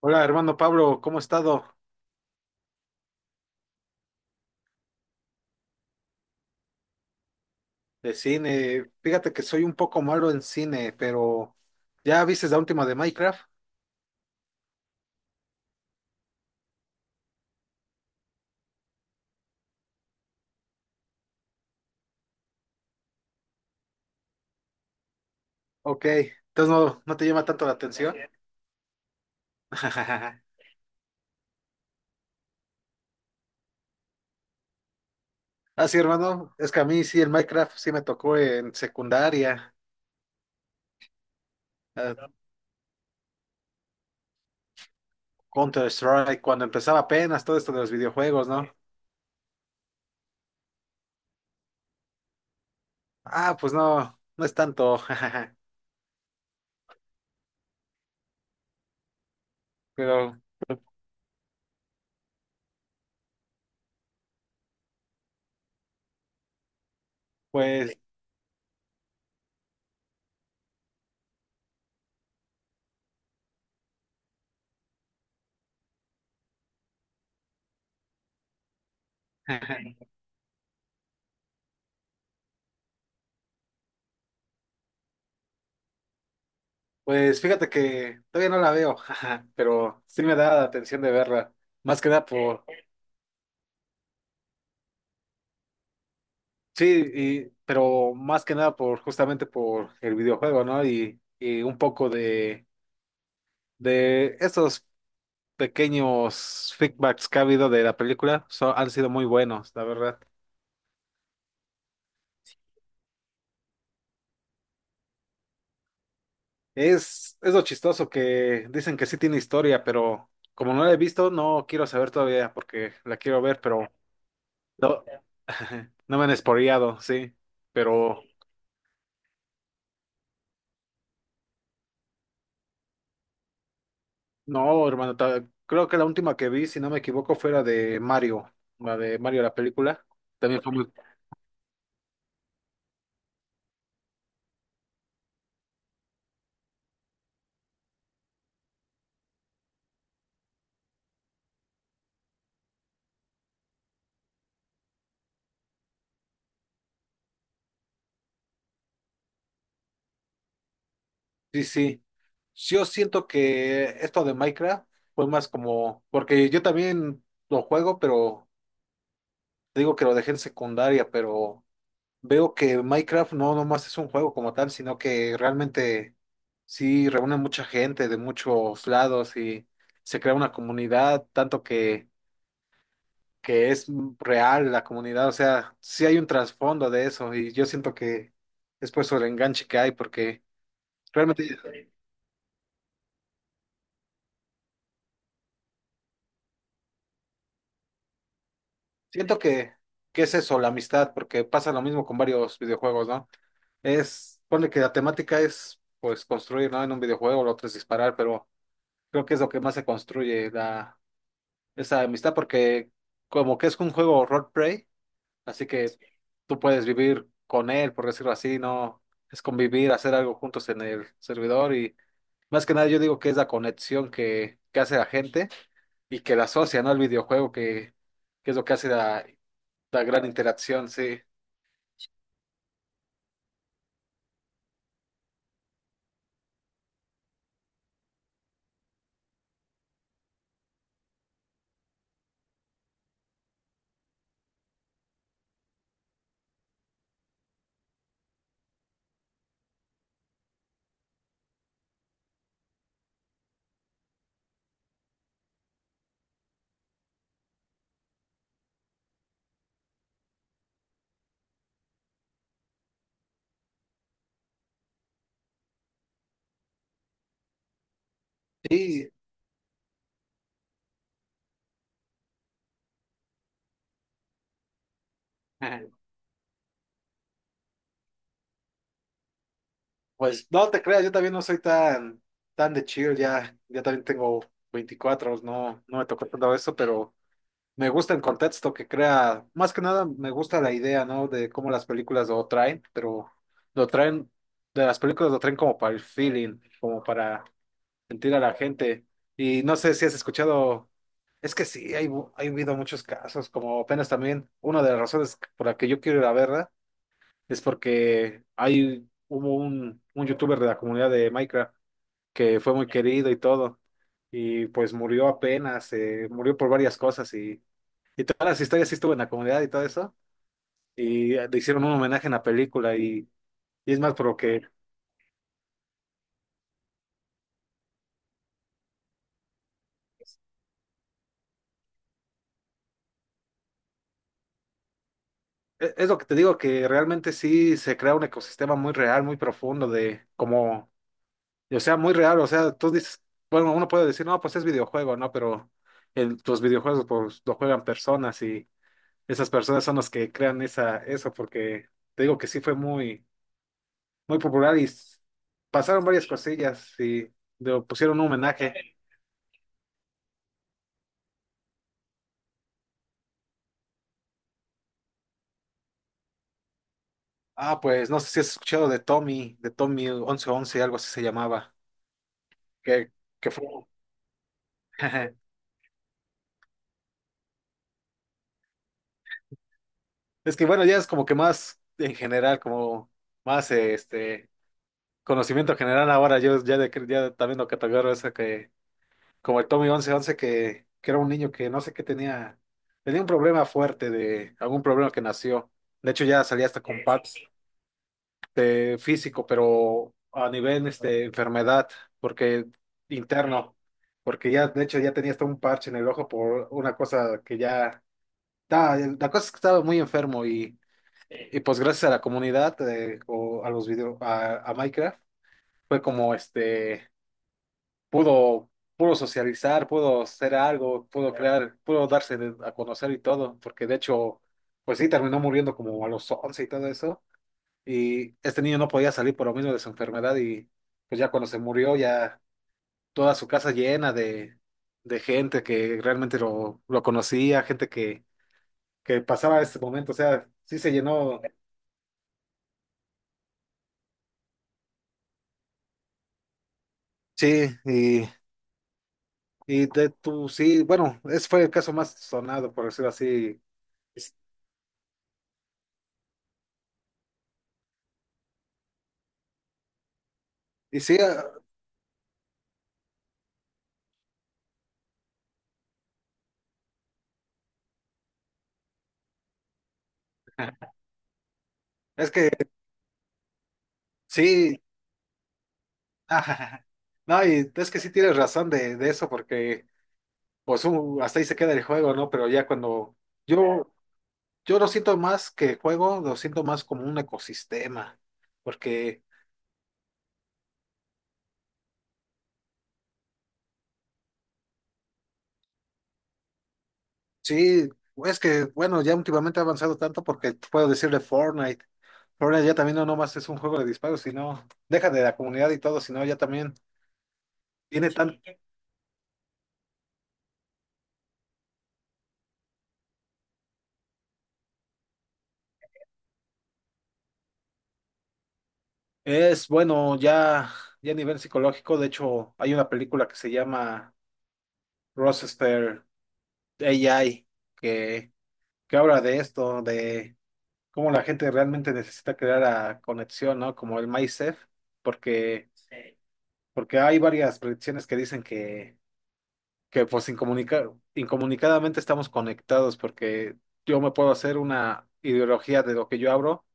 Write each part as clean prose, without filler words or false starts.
Hola, hermano Pablo, ¿cómo ha estado de cine? Fíjate que soy un poco malo en cine, pero ¿ya viste la última de Minecraft? Ok, entonces no te llama tanto la atención. Ah, sí, hermano, es que a mí sí, el Minecraft sí me tocó en secundaria. Counter Strike, cuando empezaba apenas todo esto de los videojuegos, ¿no? Ah, pues no, no es tanto. Pero pues, pues fíjate que todavía no la veo. Pero sí me da la atención de verla, más que nada por... Sí, pero más que nada por justamente por el videojuego, ¿no? Y un poco de esos pequeños feedbacks que ha habido de la película, han sido muy buenos, la verdad. Es lo chistoso que dicen que sí tiene historia, pero como no la he visto, no quiero saber todavía porque la quiero ver, pero no, no me han spoileado, sí. Pero no, hermano, creo que la última que vi, si no me equivoco, fue la de Mario, la de Mario la película. También fue muy... Sí, sí. Yo siento que esto de Minecraft fue más como, porque yo también lo juego, pero te digo que lo dejé en secundaria, pero veo que Minecraft no nomás es un juego como tal, sino que realmente sí reúne mucha gente de muchos lados y se crea una comunidad, tanto que es real la comunidad, o sea, sí hay un trasfondo de eso y yo siento que es por eso el enganche que hay, porque realmente siento que es eso, la amistad, porque pasa lo mismo con varios videojuegos, ¿no? Es, pone que la temática es, pues, construir, ¿no? En un videojuego, lo otro es disparar, pero creo que es lo que más se construye, la, esa amistad, porque como que es un juego roleplay. Así que tú puedes vivir con él, por decirlo así, ¿no? Es convivir, hacer algo juntos en el servidor y más que nada yo digo que es la conexión que hace la gente y que la asocia, ¿no? Al videojuego, que es lo que hace la, la gran interacción, sí. Y pues no te creas, yo también no soy tan, tan de chill, ya, ya también tengo veinticuatro. No, no me tocó tanto eso, pero... Me gusta el contexto que crea, más que nada me gusta la idea, ¿no? De cómo las películas lo traen, pero lo traen, de las películas lo traen como para el feeling, como para sentir a la gente. Y no sé si has escuchado, es que sí, hay, hay habido muchos casos, como apenas también, una de las razones por la que yo quiero ir a verla es porque hay, hubo un youtuber de la comunidad de Minecraft que fue muy querido y todo, y pues murió apenas, murió por varias cosas y todas las historias sí estuvo en la comunidad y todo eso. Y le hicieron un homenaje en la película y es más por lo que... Es lo que te digo, que realmente sí se crea un ecosistema muy real, muy profundo de como... O sea, muy real, o sea, tú dices... Bueno, uno puede decir, no, pues es videojuego, ¿no? Pero el, los videojuegos pues lo juegan personas y esas personas son las que crean esa, eso porque te digo que sí fue muy, muy popular y pasaron varias cosillas y le pusieron un homenaje. Ah, pues no sé si has escuchado de Tommy once once algo así se llamaba, que, que fue... Es que bueno, ya es como que más en general, como más este conocimiento general ahora, yo ya, de, ya también lo categorizo eso que, como el Tommy once once que era un niño que no sé qué tenía, tenía un problema fuerte de algún problema que nació. De hecho, ya salía hasta con Pax. Este, físico, pero a nivel este, enfermedad, porque interno, porque ya, de hecho, ya tenía hasta un parche en el ojo por una cosa que ya, la cosa es que estaba muy enfermo y pues gracias a la comunidad o a los videos, a Minecraft, fue como este, pudo, pudo socializar, pudo hacer algo, pudo crear, pudo darse a conocer y todo, porque de hecho, pues sí, terminó muriendo como a los 11 y todo eso y este niño no podía salir por lo mismo de su enfermedad y pues ya cuando se murió ya toda su casa llena de gente que realmente lo conocía, gente que pasaba este momento, o sea, sí se llenó. Sí, y de tu, sí, bueno, ese fue el caso más sonado, por decirlo así, y sí, ah, es que sí. No, y es que sí tienes razón de eso porque pues hasta ahí se queda el juego, ¿no? Pero ya cuando... Yo, yo lo siento más que juego, lo siento más como un ecosistema, porque sí, es que, bueno, ya últimamente ha avanzado tanto porque puedo decirle Fortnite. Fortnite ya también no nomás es un juego de disparos, sino, deja de la comunidad y todo, sino ya también tiene tan... Es bueno, ya, ya a nivel psicológico, de hecho, hay una película que se llama Rochester AI, que, que habla de esto, cómo la gente realmente necesita crear la conexión, ¿no? Como el MySafe, porque, sí. Porque hay varias predicciones que dicen que pues incomunicadamente estamos conectados, porque yo me puedo hacer una ideología de lo que yo abro,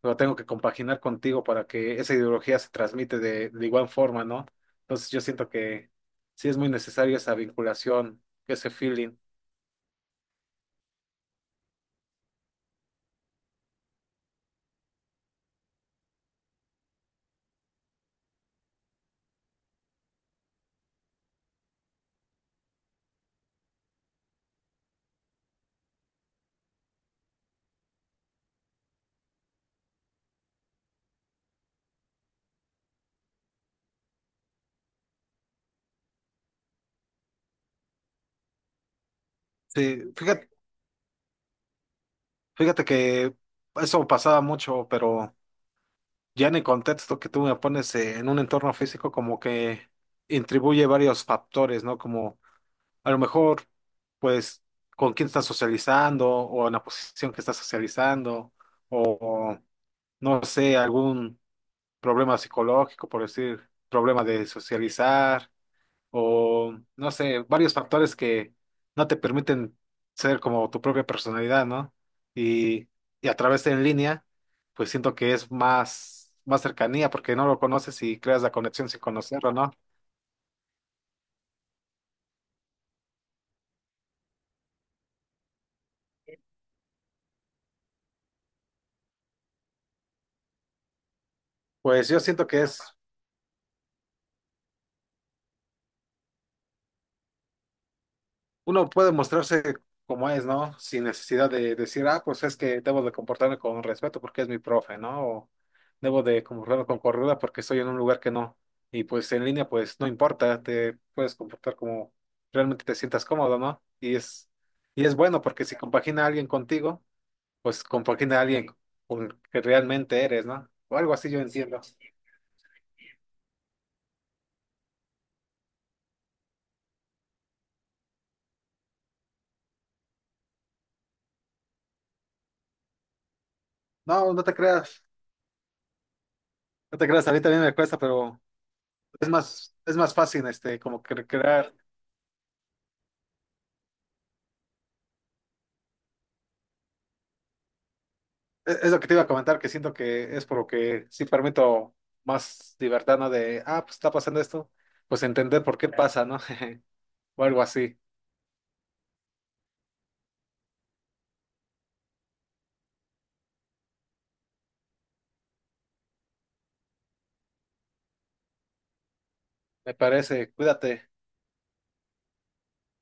pero tengo que compaginar contigo para que esa ideología se transmite de igual forma, ¿no? Entonces yo siento que sí es muy necesaria esa vinculación, ese feeling. Sí, fíjate, fíjate que eso pasaba mucho, pero... Ya en el contexto que tú me pones en un entorno físico, como que intribuye varios factores, ¿no? Como a lo mejor, pues, con quién estás socializando o en la posición que estás socializando o, no sé, algún problema psicológico, por decir, problema de socializar o no sé, varios factores que no te permiten ser como tu propia personalidad, ¿no? Y, y a través de en línea, pues siento que es más, más cercanía porque no lo conoces y creas la conexión sin conocerlo, ¿no? Pues yo siento que es uno puede mostrarse como es, ¿no? Sin necesidad de decir, ah, pues es que debo de comportarme con respeto porque es mi profe, ¿no? O debo de comportarme con cordura porque estoy en un lugar que no. Y pues en línea, pues no importa, te puedes comportar como realmente te sientas cómodo, ¿no? Y es bueno porque si compagina a alguien contigo, pues compagina a alguien con el que realmente eres, ¿no? O algo así yo entiendo. No, no te creas, no te creas, a mí también me cuesta, pero es más fácil, este, como que crear. Es lo que te iba a comentar, que siento que es por lo que sí permito más libertad, ¿no? De, ah, pues está pasando esto, pues entender por qué pasa, ¿no? O algo así. Me parece, cuídate.